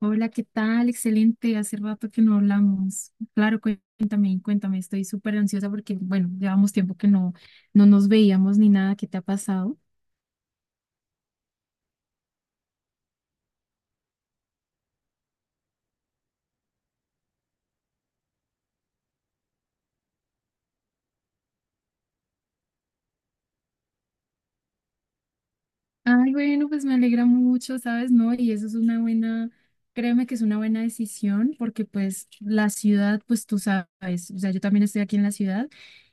Hola, ¿qué tal? Excelente, hace rato que no hablamos. Claro, cuéntame, cuéntame, estoy súper ansiosa porque, bueno, llevamos tiempo que no nos veíamos ni nada, ¿qué te ha pasado? Ay, bueno, pues me alegra mucho, ¿sabes? No, y eso es una buena, créeme que es una buena decisión porque pues la ciudad, pues tú sabes, o sea, yo también estoy aquí en la ciudad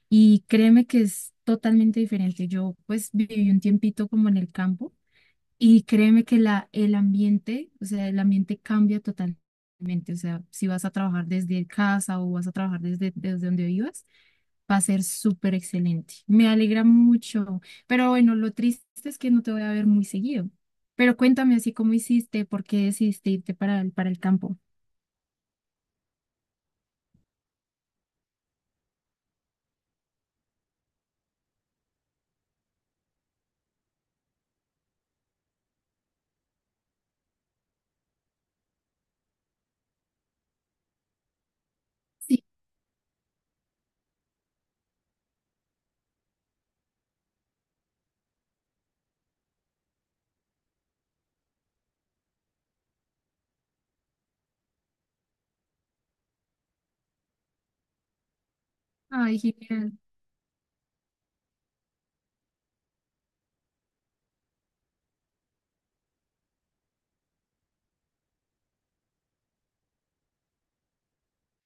y créeme que es totalmente diferente. Yo pues viví un tiempito como en el campo. Y créeme que el ambiente, o sea, el ambiente cambia totalmente. O sea, si vas a trabajar desde casa o vas a trabajar desde donde vivas, va a ser súper excelente. Me alegra mucho. Pero bueno, lo triste es que no te voy a ver muy seguido. Pero cuéntame así cómo hiciste, por qué decidiste irte para para el campo. Sí. Ay, genial.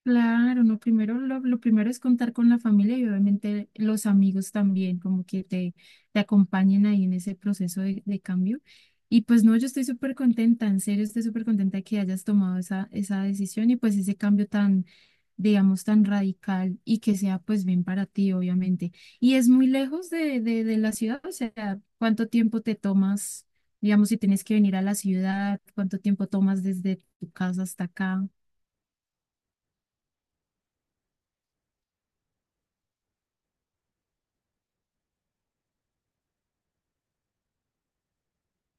Claro, no, primero lo primero es contar con la familia y obviamente los amigos también, como que te acompañen ahí en ese proceso de cambio. Y pues no, yo estoy súper contenta, en serio estoy súper contenta de que hayas tomado esa decisión y pues ese cambio tan, digamos, tan radical y que sea pues bien para ti, obviamente. Y es muy lejos de la ciudad, o sea, ¿cuánto tiempo te tomas, digamos, si tienes que venir a la ciudad? ¿Cuánto tiempo tomas desde tu casa hasta acá?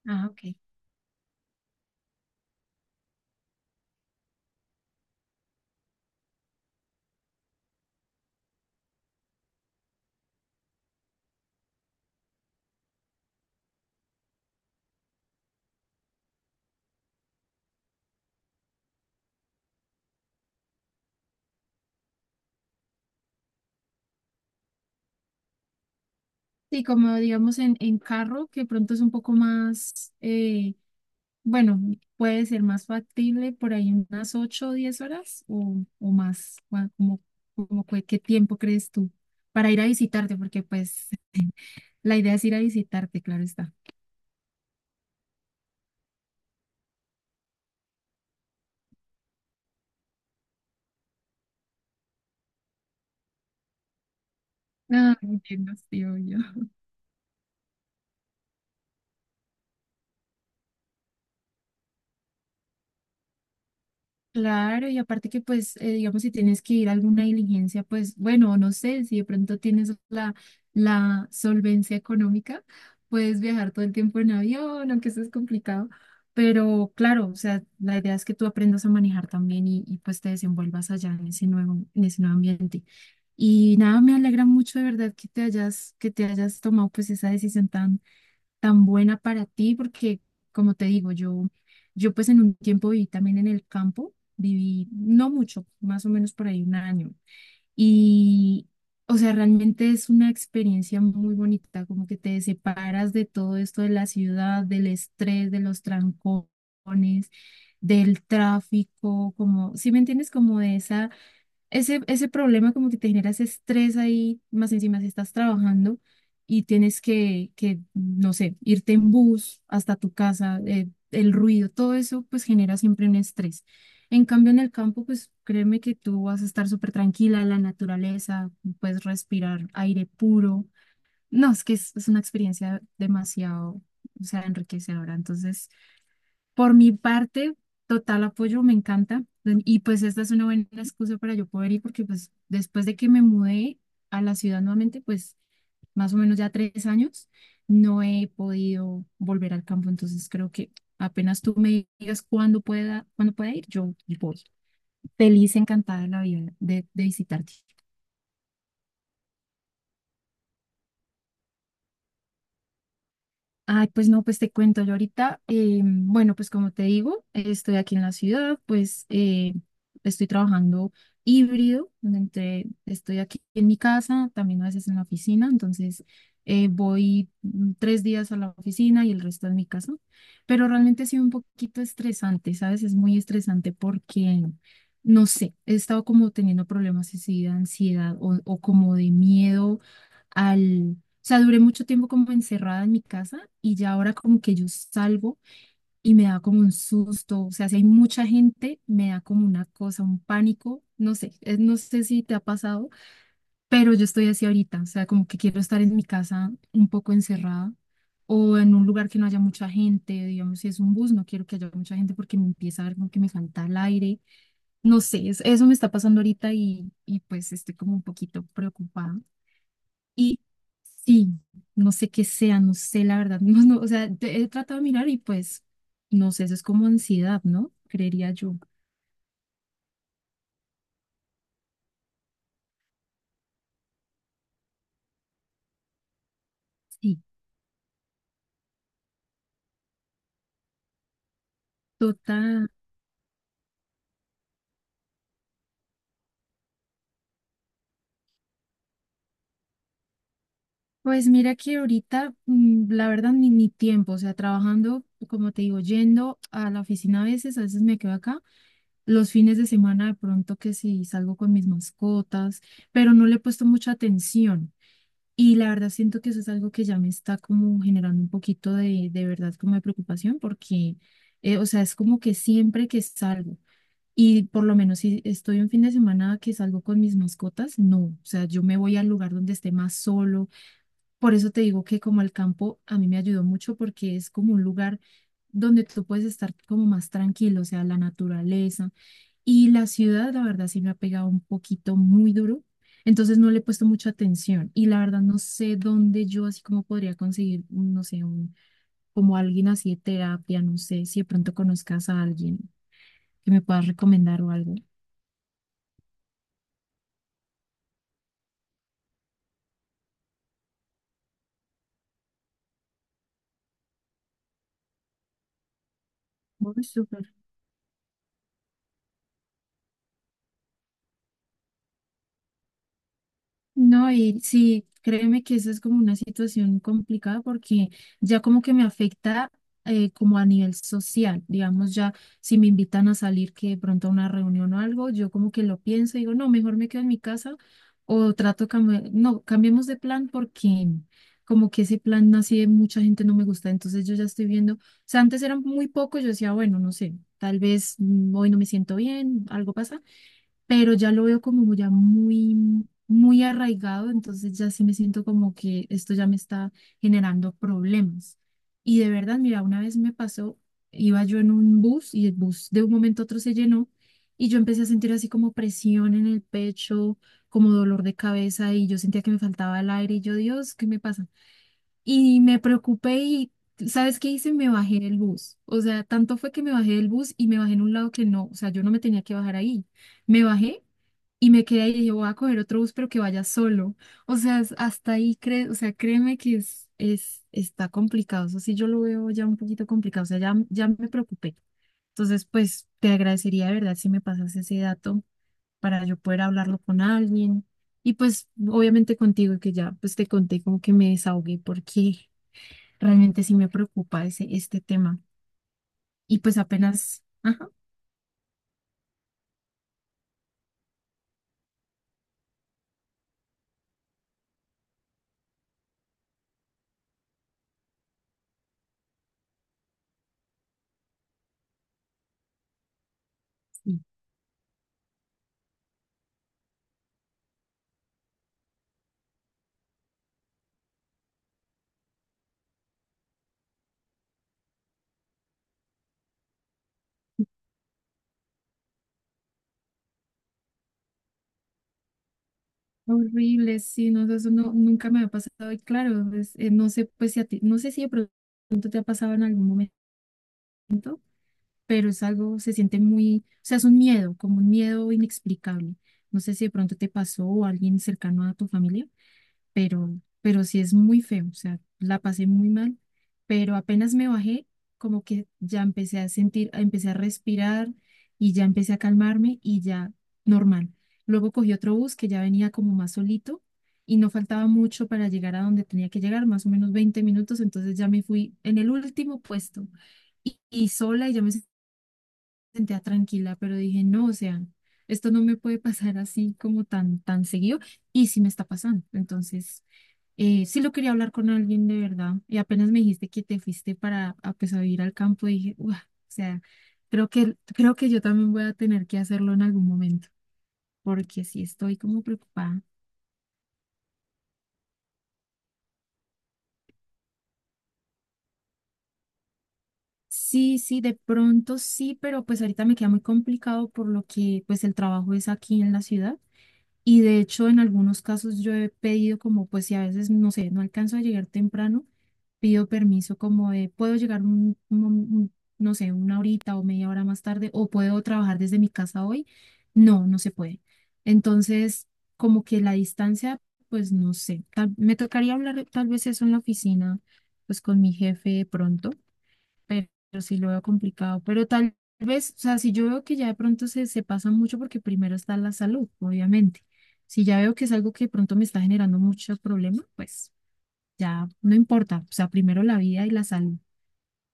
Ah, ok. Sí, como digamos en carro, que pronto es un poco más, bueno, puede ser más factible por ahí unas 8 o 10 horas o más, como, qué tiempo crees tú para ir a visitarte, porque pues la idea es ir a visitarte, claro está. Ah, entiendo, sí, obvio. Claro, y aparte que pues, digamos, si tienes que ir a alguna diligencia, pues bueno, no sé, si de pronto tienes la solvencia económica, puedes viajar todo el tiempo en avión, aunque eso es complicado, pero claro, o sea, la idea es que tú aprendas a manejar también pues te desenvuelvas allá en ese nuevo ambiente. Y nada, me alegra mucho de verdad que te hayas tomado pues esa decisión tan buena para ti, porque como te digo, yo pues en un tiempo viví también en el campo, viví no mucho, más o menos por ahí 1 año. Y, o sea, realmente es una experiencia muy bonita, como que te separas de todo esto de la ciudad, del estrés, de los trancones, del tráfico, como, ¿si me entiendes? Como de esa ese, ese problema como que te genera ese estrés ahí, más encima si estás trabajando y tienes no sé, irte en bus hasta tu casa, el ruido, todo eso pues genera siempre un estrés. En cambio, en el campo, pues créeme que tú vas a estar súper tranquila, la naturaleza, puedes respirar aire puro. No, es que es una experiencia demasiado, o sea, enriquecedora. Entonces, por mi parte, total apoyo, me encanta. Y pues esta es una buena excusa para yo poder ir, porque pues después de que me mudé a la ciudad nuevamente, pues más o menos ya 3 años, no he podido volver al campo. Entonces creo que apenas tú me digas cuándo pueda ir, yo voy. Feliz, encantada de la vida de visitarte. Ay, pues no, pues te cuento yo ahorita. Bueno, pues como te digo, estoy aquí en la ciudad, pues estoy trabajando híbrido, entre, estoy aquí en mi casa, también a veces en la oficina, entonces voy 3 días a la oficina y el resto en mi casa, pero realmente ha sido un poquito estresante, ¿sabes? Es muy estresante porque, no sé, he estado como teniendo problemas así de ansiedad o como de miedo. Al sea, duré mucho tiempo como encerrada en mi casa y ya ahora como que yo salgo y me da como un susto. O sea, si hay mucha gente, me da como una cosa, un pánico. No sé, no sé si te ha pasado, pero yo estoy así ahorita. O sea, como que quiero estar en mi casa un poco encerrada o en un lugar que no haya mucha gente. Digamos, si es un bus, no quiero que haya mucha gente porque me empieza a dar como que me falta el aire. No sé, eso me está pasando ahorita y pues estoy como un poquito preocupada. Y sí, no sé qué sea, no sé la verdad. No, no, o sea, he tratado de mirar y pues, no sé, eso es como ansiedad, ¿no? Creería yo. Sí, total. Pues mira que ahorita, la verdad, ni tiempo, o sea, trabajando, como te digo, yendo a la oficina a veces me quedo acá, los fines de semana de pronto que sí salgo con mis mascotas, pero no le he puesto mucha atención. Y la verdad siento que eso es algo que ya me está como generando un poquito de verdad como de preocupación porque, o sea, es como que siempre que salgo y por lo menos si estoy un fin de semana que salgo con mis mascotas, no, o sea, yo me voy al lugar donde esté más solo. Por eso te digo que como el campo a mí me ayudó mucho porque es como un lugar donde tú puedes estar como más tranquilo, o sea, la naturaleza. Y la ciudad, la verdad, sí me ha pegado un poquito muy duro. Entonces no le he puesto mucha atención. Y la verdad no sé dónde yo así como podría conseguir, no sé, como alguien así de terapia, no sé, si de pronto conozcas a alguien que me puedas recomendar o algo. Muy súper. No, y sí, créeme que esa es como una situación complicada porque ya como que me afecta como a nivel social, digamos ya si me invitan a salir que de pronto a una reunión o algo, yo como que lo pienso y digo, no, mejor me quedo en mi casa o trato, cambiar, no, cambiemos de plan porque como que ese plan así de mucha gente no me gusta, entonces yo ya estoy viendo, o sea, antes eran muy pocos, yo decía, bueno, no sé, tal vez hoy no me siento bien, algo pasa pero ya lo veo como ya muy arraigado, entonces ya sí me siento como que esto ya me está generando problemas. Y de verdad, mira, una vez me pasó, iba yo en un bus y el bus de un momento a otro se llenó y yo empecé a sentir así como presión en el pecho, como dolor de cabeza y yo sentía que me faltaba el aire y yo, Dios, ¿qué me pasa? Y me preocupé y... ¿Sabes qué hice? Me bajé del bus. O sea, tanto fue que me bajé del bus y me bajé en un lado que no, o sea, yo no me tenía que bajar ahí. Me bajé y me quedé y dije, voy a coger otro bus, pero que vaya solo. O sea, hasta ahí, o sea, créeme que es, está complicado. Eso sí, yo lo veo ya un poquito complicado. O sea, ya me preocupé. Entonces, pues te agradecería de verdad si me pasas ese dato para yo poder hablarlo con alguien. Y pues, obviamente contigo, y que ya pues te conté como que me desahogué porque realmente sí me preocupa este tema. Y pues apenas, ajá. Sí. Horrible, sí, no, eso no- nunca me ha pasado y claro, pues, no sé, pues si a ti, no sé si de pronto te ha pasado en algún momento, pero es algo, se siente muy, o sea, es un miedo, como un miedo inexplicable. No sé si de pronto te pasó o alguien cercano a tu familia pero sí es muy feo, o sea, la pasé muy mal, pero apenas me bajé, como que ya empecé a sentir, empecé a respirar y ya empecé a calmarme y ya normal. Luego cogí otro bus que ya venía como más solito y no faltaba mucho para llegar a donde tenía que llegar, más o menos 20 minutos, entonces ya me fui en el último puesto y sola y ya me sentía tranquila, pero dije, no, o sea, esto no me puede pasar así como tan seguido, y sí me está pasando. Entonces, sí lo quería hablar con alguien de verdad, y apenas me dijiste que te fuiste para, a, pues, a vivir al campo, dije, "Uah", o sea, creo que yo también voy a tener que hacerlo en algún momento, porque sí estoy como preocupada. Sí, sí, de pronto sí, pero pues ahorita me queda muy complicado por lo que pues el trabajo es aquí en la ciudad. Y de hecho, en algunos casos yo he pedido como, pues si a veces, no sé, no alcanzo a llegar temprano, pido permiso como de, puedo llegar no sé, una horita o media hora más tarde, o puedo trabajar desde mi casa hoy. No, no se puede. Entonces, como que la distancia, pues no sé, me tocaría hablar tal vez eso en la oficina, pues con mi jefe pronto, pero sí lo veo complicado. Pero tal vez, o sea, si yo veo que ya de pronto se pasa mucho porque primero está la salud, obviamente. Si ya veo que es algo que de pronto me está generando mucho problema, pues ya no importa. O sea, primero la vida y la salud.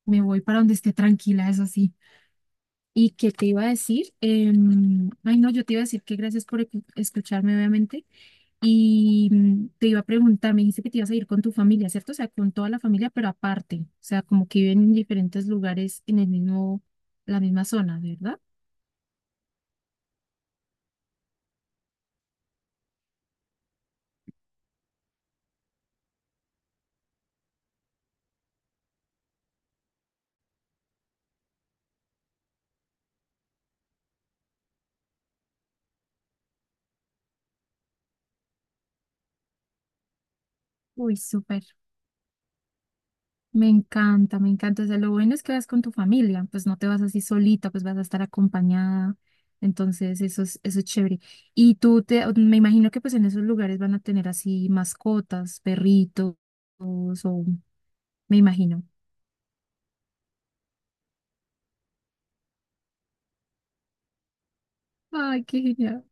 Me voy para donde esté tranquila, eso sí. ¿Y qué te iba a decir? Ay, no, yo te iba a decir que gracias por escucharme, obviamente. Y te iba a preguntar, me dijiste que te ibas a ir con tu familia, ¿cierto? O sea, con toda la familia, pero aparte. O sea, como que viven en diferentes lugares en el mismo, la misma zona, ¿verdad? Uy, súper. Me encanta, me encanta. O sea, lo bueno es que vas con tu familia, pues no te vas así solita, pues vas a estar acompañada. Entonces, eso es chévere. Y tú te, me imagino que pues en esos lugares van a tener así mascotas, perritos, o me imagino. Ay, qué genial.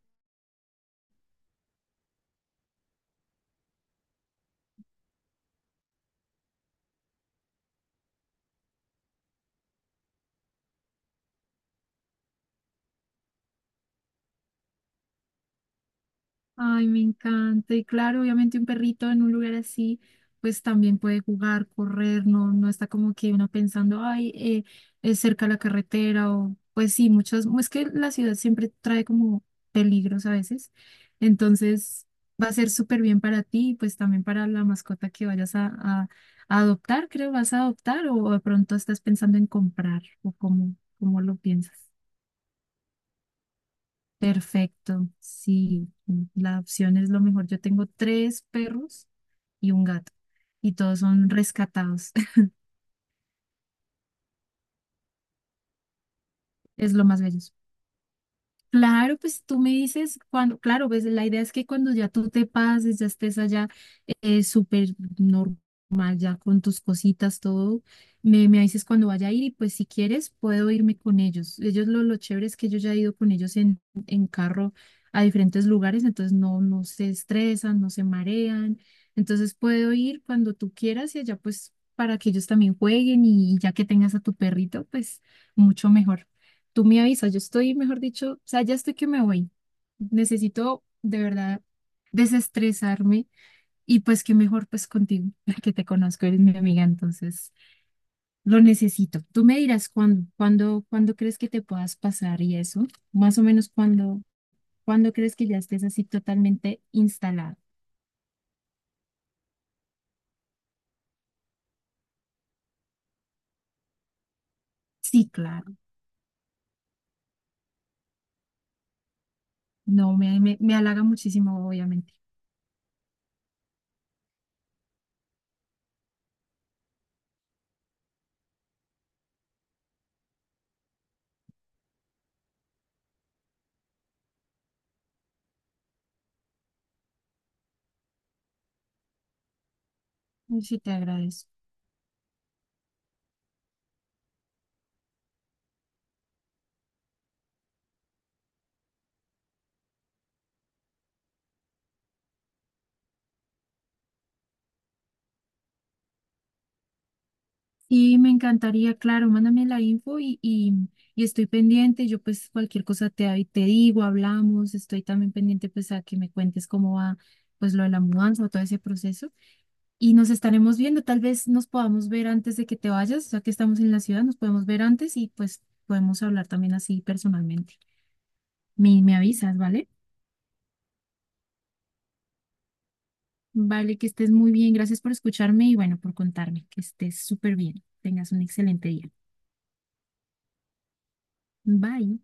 Ay, me encanta. Y claro, obviamente un perrito en un lugar así, pues también puede jugar, correr, no, no está como que uno pensando, ay, es cerca la carretera o pues sí, muchas, es que la ciudad siempre trae como peligros a veces. Entonces va a ser súper bien para ti y pues también para la mascota que vayas a adoptar, creo, vas a adoptar o de pronto estás pensando en comprar o cómo, cómo lo piensas. Perfecto, sí, la opción es lo mejor. Yo tengo tres perros y un gato y todos son rescatados. Es lo más bello. Claro, pues tú me dices cuando, claro, pues la idea es que cuando ya tú te pases, ya estés allá súper normal, ya con tus cositas, todo, me dices cuando vaya a ir y pues si quieres puedo irme con ellos. Ellos lo chévere es que yo ya he ido con ellos en carro a diferentes lugares, entonces no, no se estresan, no se marean, entonces puedo ir cuando tú quieras y allá pues para que ellos también jueguen y ya que tengas a tu perrito, pues mucho mejor. Tú me avisas, yo estoy, mejor dicho, o sea, ya estoy que me voy. Necesito de verdad desestresarme y pues qué mejor pues contigo, que te conozco, eres mi amiga, entonces lo necesito. Tú me dirás cuándo, cuándo, cuándo crees que te puedas pasar y eso, más o menos cuándo, cuándo crees que ya estés así totalmente instalado. Sí, claro, no, me halaga muchísimo, obviamente. Sí, te agradezco. Sí, me encantaría, claro, mándame la info y estoy pendiente. Yo pues cualquier cosa te, ahí te digo, hablamos, estoy también pendiente pues a que me cuentes cómo va pues lo de la mudanza o todo ese proceso. Y nos estaremos viendo, tal vez nos podamos ver antes de que te vayas, ya que estamos en la ciudad, nos podemos ver antes y pues podemos hablar también así personalmente. Me avisas, ¿vale? Vale, que estés muy bien. Gracias por escucharme y bueno, por contarme, que estés súper bien. Tengas un excelente día. Bye.